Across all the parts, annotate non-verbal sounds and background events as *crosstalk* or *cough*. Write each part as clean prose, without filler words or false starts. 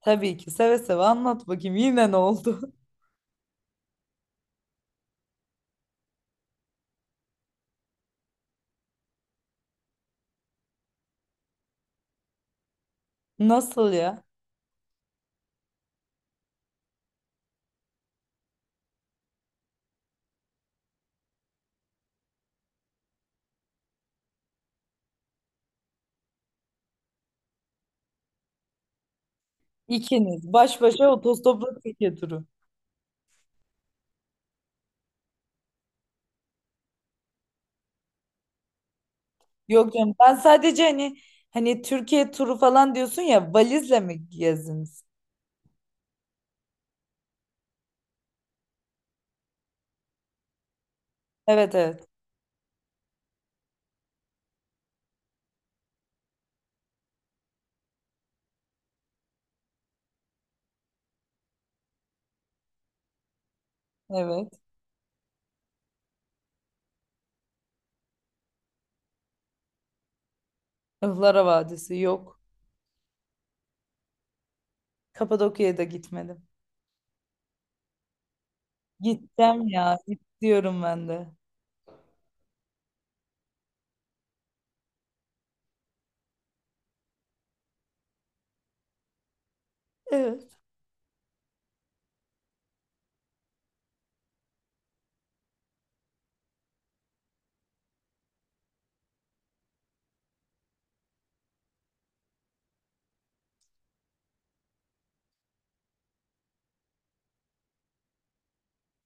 Tabii ki seve seve anlat bakayım yine ne oldu? *laughs* Nasıl ya? İkiniz baş başa otostopla Türkiye turu. Yok canım ben sadece hani Türkiye turu falan diyorsun ya valizle mi gezdiniz? Evet evet evet. Ihlara Vadisi yok. Kapadokya'ya da gitmedim. Gideceğim ya gidiyorum ben de. Evet.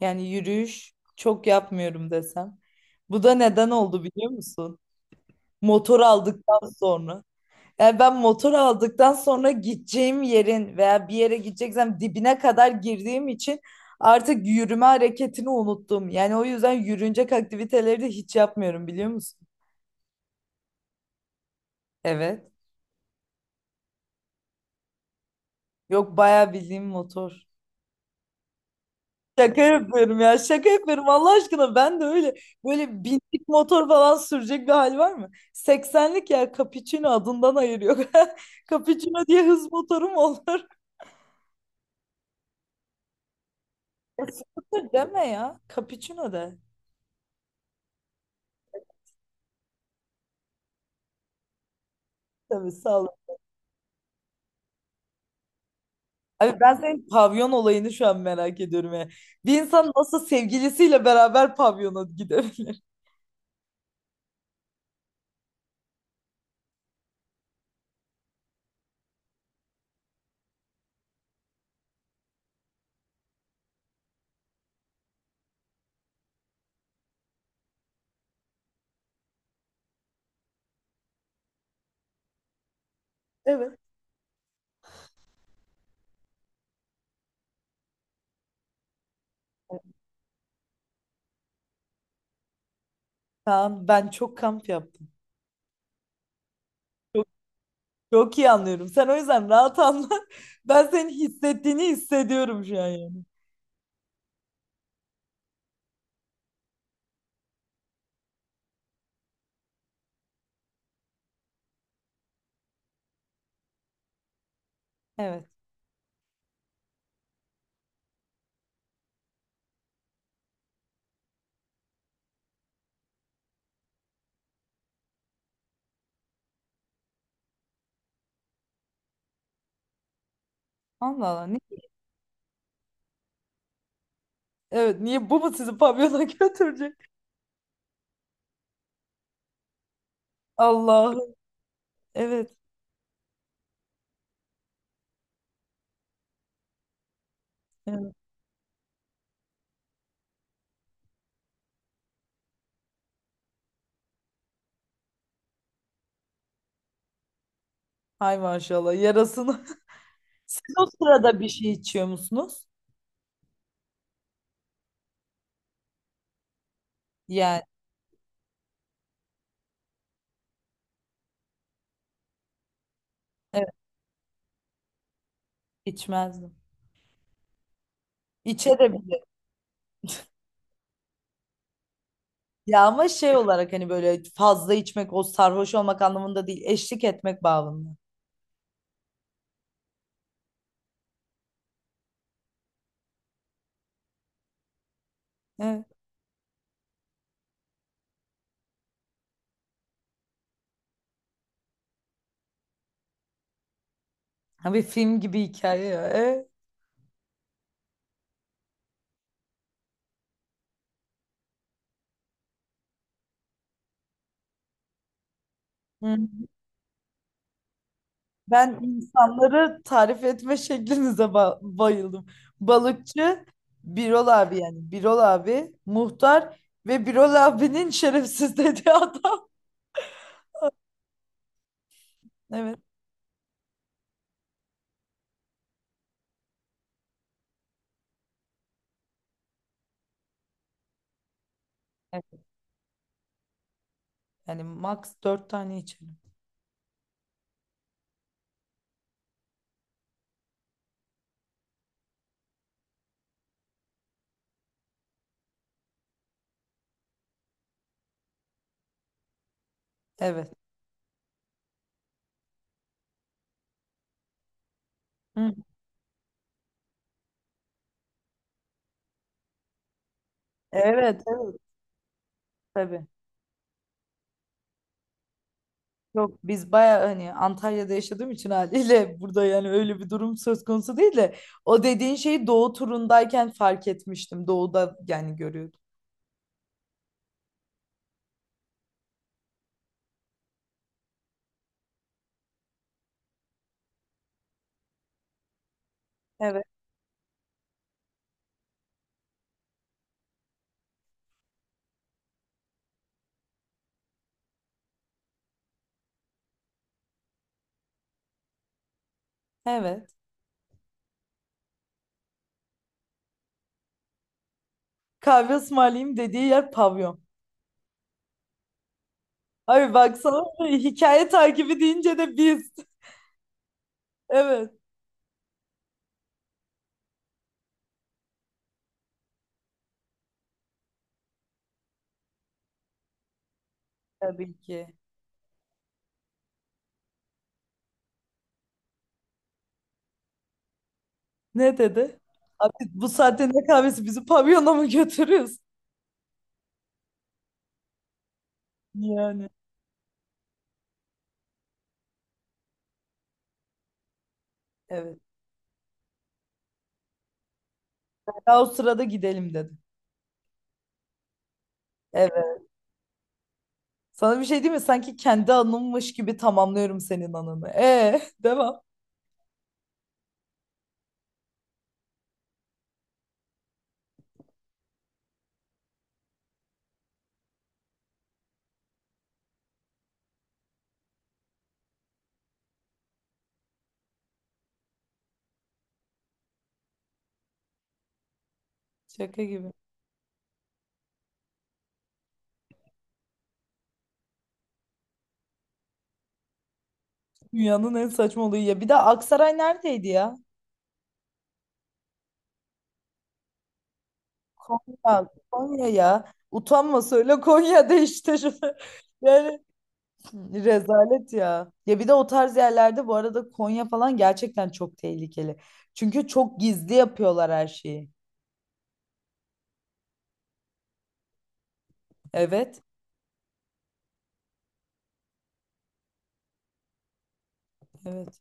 Yani yürüyüş çok yapmıyorum desem. Bu da neden oldu biliyor musun? Motor aldıktan sonra. Yani ben motor aldıktan sonra gideceğim yerin veya bir yere gideceksem dibine kadar girdiğim için artık yürüme hareketini unuttum. Yani o yüzden yürünecek aktiviteleri de hiç yapmıyorum biliyor musun? Evet. Yok bayağı bildiğim motor. Şaka yapıyorum ya şaka yapıyorum Allah aşkına ben de öyle böyle binlik motor falan sürecek bir hal var mı? 80'lik ya Capuchino adından ayırıyor. *laughs* Capuchino diye hız motorum olur. *laughs* Scooter deme ya Capuchino de. Tabii sağ ol. Abi ben senin pavyon olayını şu an merak ediyorum ya. Bir insan nasıl sevgilisiyle beraber pavyona gidebilir? *laughs* Evet. Kaan, ben çok kamp yaptım. Çok, çok iyi anlıyorum. Sen o yüzden rahat anla. *laughs* Ben senin hissettiğini hissediyorum şu an yani. Evet. Allah Allah. Evet niye bu mu sizi pavyona *laughs* götürecek? Allah'ım. Evet. Evet. Hay maşallah yarasını. *laughs* Siz o sırada bir şey içiyor musunuz? Yani evet içmezdim. İçerim. Ya ama şey olarak hani böyle fazla içmek o sarhoş olmak anlamında değil eşlik etmek bağlamında. Evet. Ha bir film gibi hikaye ya. Evet. Hı. Ben insanları tarif etme *laughs* şeklinize bayıldım. Balıkçı, Birol abi yani. Birol abi, muhtar ve Birol abinin şerefsiz dediği adam. *laughs* Evet. Evet. Yani max dört tane içelim. Evet. Hı. Evet, evet. Tabii. Yok biz baya hani Antalya'da yaşadığım için haliyle burada yani öyle bir durum söz konusu değil de o dediğin şeyi doğu turundayken fark etmiştim. Doğuda yani görüyordum. Evet. Evet. Kahve ısmarlayayım dediği yer pavyon. Abi baksana hikaye takibi deyince de biz. Evet. Tabii ki. Ne dedi? Abi bu saatte ne kahvesi bizi pavyona mı götürüyorsun? Yani. Evet. Daha o sırada gidelim dedi. Sana bir şey diyeyim mi? Sanki kendi anımmış gibi tamamlıyorum senin anını. E *laughs* devam. Şaka gibi. Dünyanın en saçma olayı ya. Bir de Aksaray neredeydi ya? Konya. Konya ya. Utanma söyle Konya'da işte. *laughs* Yani rezalet ya. Ya bir de o tarz yerlerde bu arada Konya falan gerçekten çok tehlikeli. Çünkü çok gizli yapıyorlar her şeyi. Evet. Evet.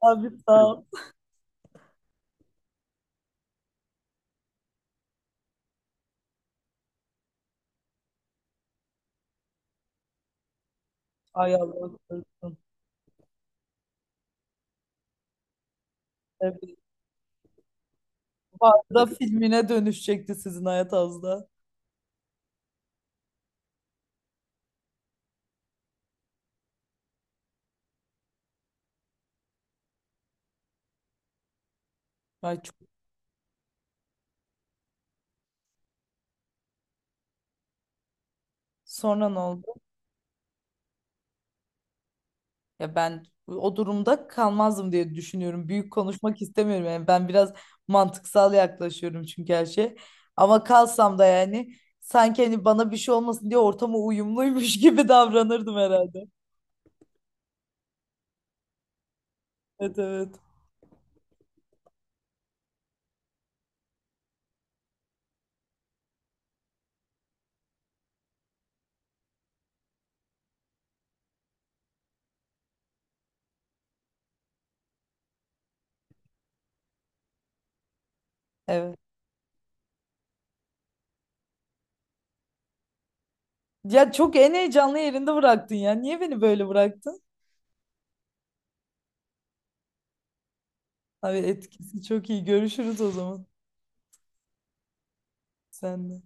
Abi sağ ol. Ay Allah korusun. Evet. Bu arada filmine dönüşecekti sizin hayat az da. Ay sonra ne oldu? Ya ben o durumda kalmazdım diye düşünüyorum. Büyük konuşmak istemiyorum yani. Ben biraz mantıksal yaklaşıyorum çünkü her şey. Ama kalsam da yani sanki hani bana bir şey olmasın diye ortama uyumluymuş *laughs* gibi davranırdım herhalde. Evet evet. Evet. Ya çok en heyecanlı yerinde bıraktın ya. Niye beni böyle bıraktın? Abi etkisi çok iyi. Görüşürüz o zaman. Sen de.